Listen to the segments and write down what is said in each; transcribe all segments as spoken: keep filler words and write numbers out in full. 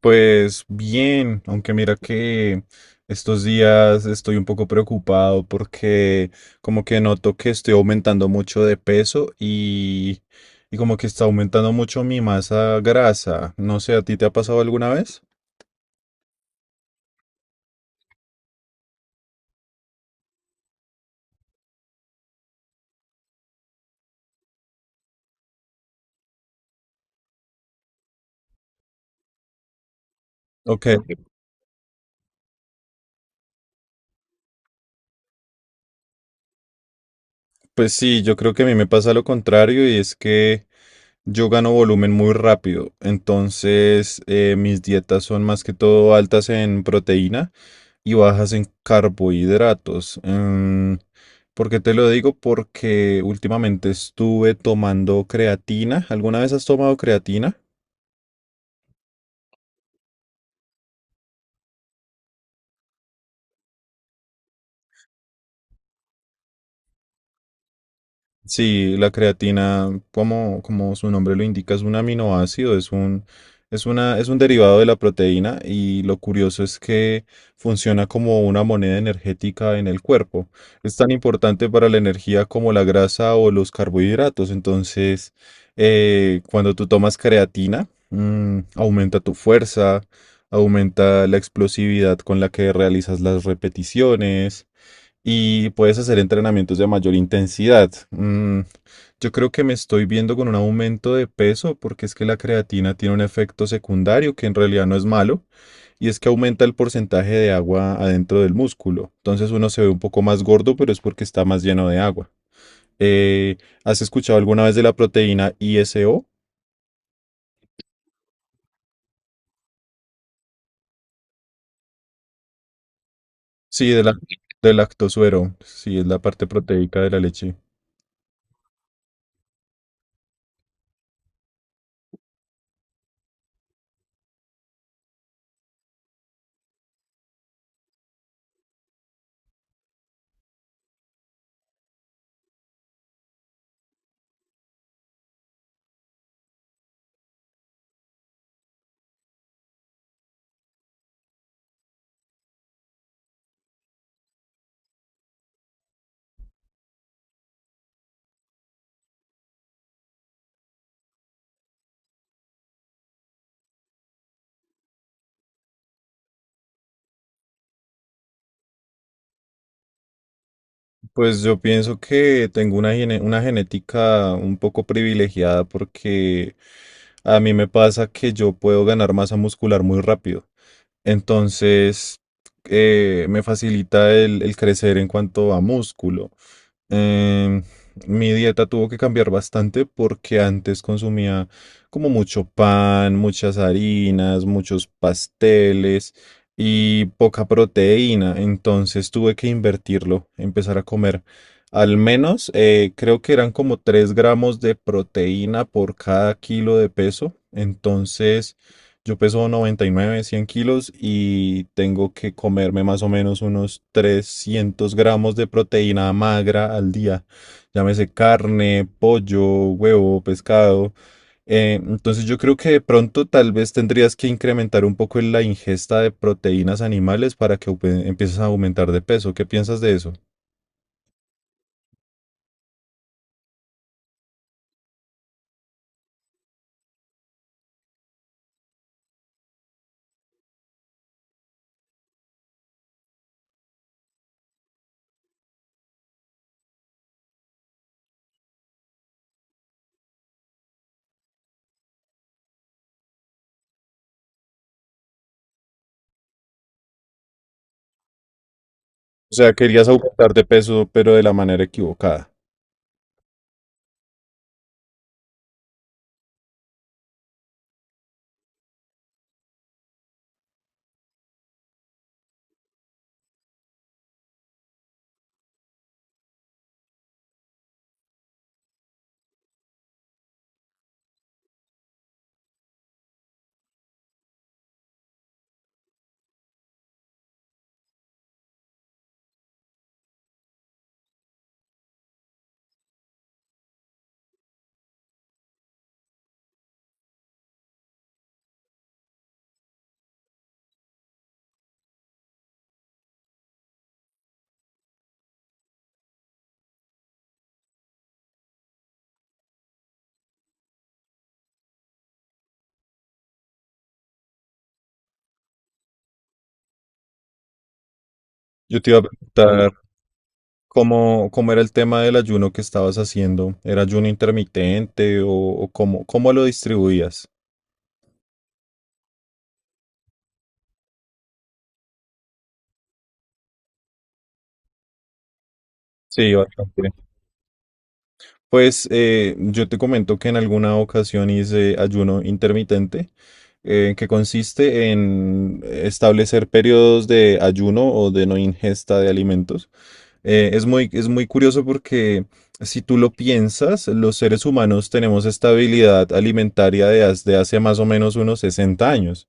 Pues bien, aunque mira que estos días estoy un poco preocupado porque como que noto que estoy aumentando mucho de peso y, y como que está aumentando mucho mi masa grasa. No sé, ¿a ti te ha pasado alguna vez? Ok, pues sí, yo creo que a mí me pasa lo contrario y es que yo gano volumen muy rápido, entonces eh, mis dietas son más que todo altas en proteína y bajas en carbohidratos. Em, ¿por qué te lo digo? Porque últimamente estuve tomando creatina. ¿Alguna vez has tomado creatina? Sí, la creatina, como, como su nombre lo indica, es un aminoácido, es un, es una, es un derivado de la proteína y lo curioso es que funciona como una moneda energética en el cuerpo. Es tan importante para la energía como la grasa o los carbohidratos. Entonces, eh, cuando tú tomas creatina, mm, aumenta tu fuerza, aumenta la explosividad con la que realizas las repeticiones y puedes hacer entrenamientos de mayor intensidad. Mm, yo creo que me estoy viendo con un aumento de peso porque es que la creatina tiene un efecto secundario que en realidad no es malo y es que aumenta el porcentaje de agua adentro del músculo. Entonces uno se ve un poco más gordo, pero es porque está más lleno de agua. Eh, ¿has escuchado alguna vez de la proteína ISO? Sí, de la, del lactosuero. Sí, es la parte proteica de la leche. Pues yo pienso que tengo una, gene- una genética un poco privilegiada porque a mí me pasa que yo puedo ganar masa muscular muy rápido. Entonces, eh, me facilita el, el crecer en cuanto a músculo. Em, mi dieta tuvo que cambiar bastante porque antes consumía como mucho pan, muchas harinas, muchos pasteles y poca proteína. Entonces tuve que invertirlo, empezar a comer al menos, eh, creo que eran como tres gramos de proteína por cada kilo de peso. Entonces... Yo peso noventa y nueve, cien kilos y tengo que comerme más o menos unos trescientos gramos de proteína magra al día. Llámese carne, pollo, huevo, pescado. Eh, entonces yo creo que de pronto tal vez tendrías que incrementar un poco en la ingesta de proteínas animales para que aupe- empieces a aumentar de peso. ¿Qué piensas de eso? O sea, querías aumentar de peso, pero de la manera equivocada. Yo te iba a preguntar cómo, cómo era el tema del ayuno que estabas haciendo. ¿Era ayuno intermitente o, o cómo, cómo lo distribuías? Sí, bastante. Pues eh, yo te comento que en alguna ocasión hice ayuno intermitente, eh, que consiste en establecer periodos de ayuno o de no ingesta de alimentos. Eh, es muy, es muy curioso porque si tú lo piensas, los seres humanos tenemos esta habilidad alimentaria de, hace- de hace más o menos unos sesenta años.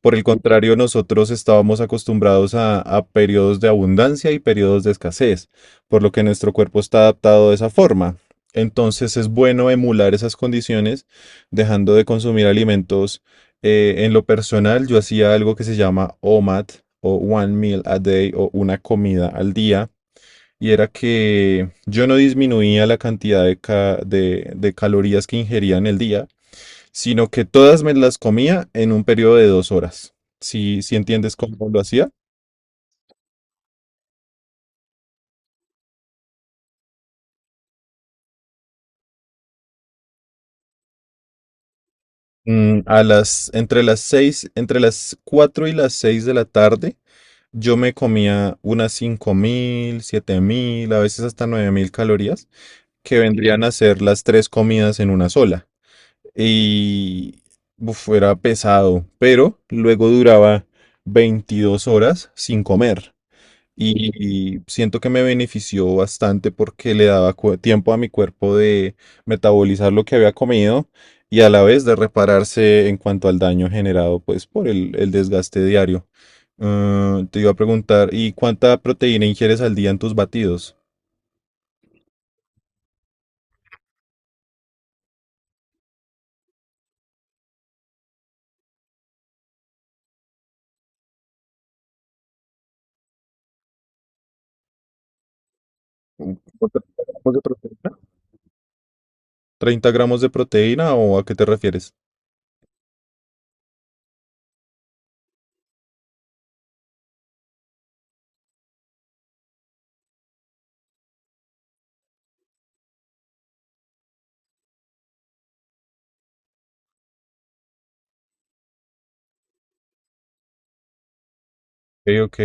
Por el contrario, nosotros estábamos acostumbrados a, a periodos de abundancia y periodos de escasez, por lo que nuestro cuerpo está adaptado de esa forma. Entonces es bueno emular esas condiciones dejando de consumir alimentos. Eh, en lo personal, yo hacía algo que se llama OMAD o One Meal a Day o una comida al día. Y era que yo no disminuía la cantidad de, ca- de- de calorías que ingería en el día, sino que todas me las comía en un periodo de dos horas. Si, si entiendes cómo lo hacía. Mm, a las, entre las seis, entre las cuatro y las seis de la tarde, yo me comía unas cinco mil, siete mil, a veces hasta nueve mil calorías, que vendrían a ser las tres comidas en una sola. Y uf, era pesado, pero luego duraba veintidós horas sin comer. Y siento que me benefició bastante porque le daba cu- tiempo a mi cuerpo de metabolizar lo que había comido y a la vez de repararse en cuanto al daño generado pues por el, el desgaste diario. Ah, te iba a preguntar, ¿y cuánta proteína ingieres al día en tus batidos? ¿Como treinta gramos de proteína? ¿treinta gramos de proteína o a qué te refieres? Ok. Ok.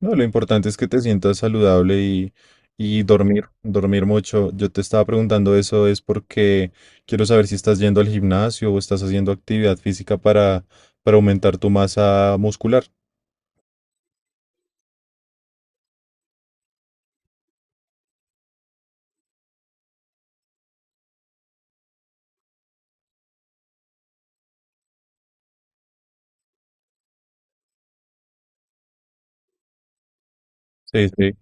No, lo importante es que te sientas saludable y, y dormir, dormir mucho. Yo te estaba preguntando eso es porque quiero saber si estás yendo al gimnasio o estás haciendo actividad física para, para aumentar tu masa muscular. Sí, sí.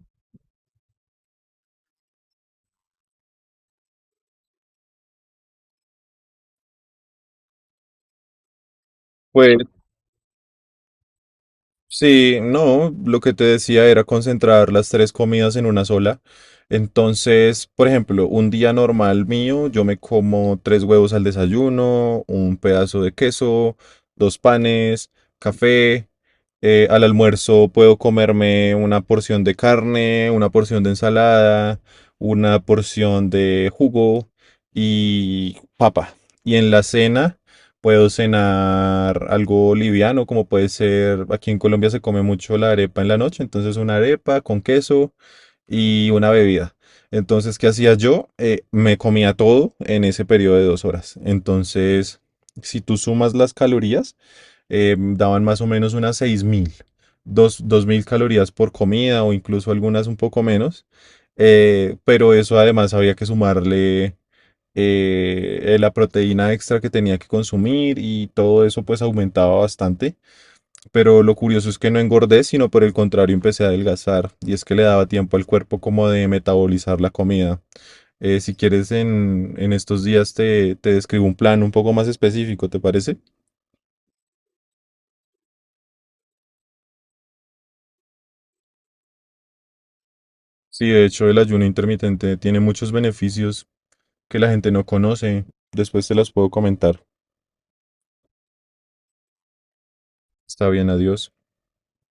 Pues sí, no, lo que te decía era concentrar las tres comidas en una sola. Entonces, por ejemplo, un día normal mío, yo me como tres huevos al desayuno, un pedazo de queso, dos panes, café. Eh, al almuerzo puedo comerme una porción de carne, una porción de ensalada, una porción de jugo y papa. Y en la cena... Puedo cenar algo liviano, como puede ser, aquí en Colombia se come mucho la arepa en la noche, entonces una arepa con queso y una bebida. Entonces, ¿qué hacía yo? Eh, me comía todo en ese periodo de dos horas. Entonces, si tú sumas las calorías, eh, daban más o menos unas seis mil, dos, mil calorías por comida o incluso algunas un poco menos. Eh, pero eso además había que sumarle eh, eh, la proteína extra que tenía que consumir y todo eso pues aumentaba bastante. Pero lo curioso es que no engordé, sino por el contrario empecé a adelgazar y es que le daba tiempo al cuerpo como de metabolizar la comida. Eh, si quieres en, en estos días te, te describo un plan un poco más específico, ¿te parece? Sí, de hecho el ayuno intermitente tiene muchos beneficios que la gente no conoce. Después te los puedo comentar. Está bien, adiós.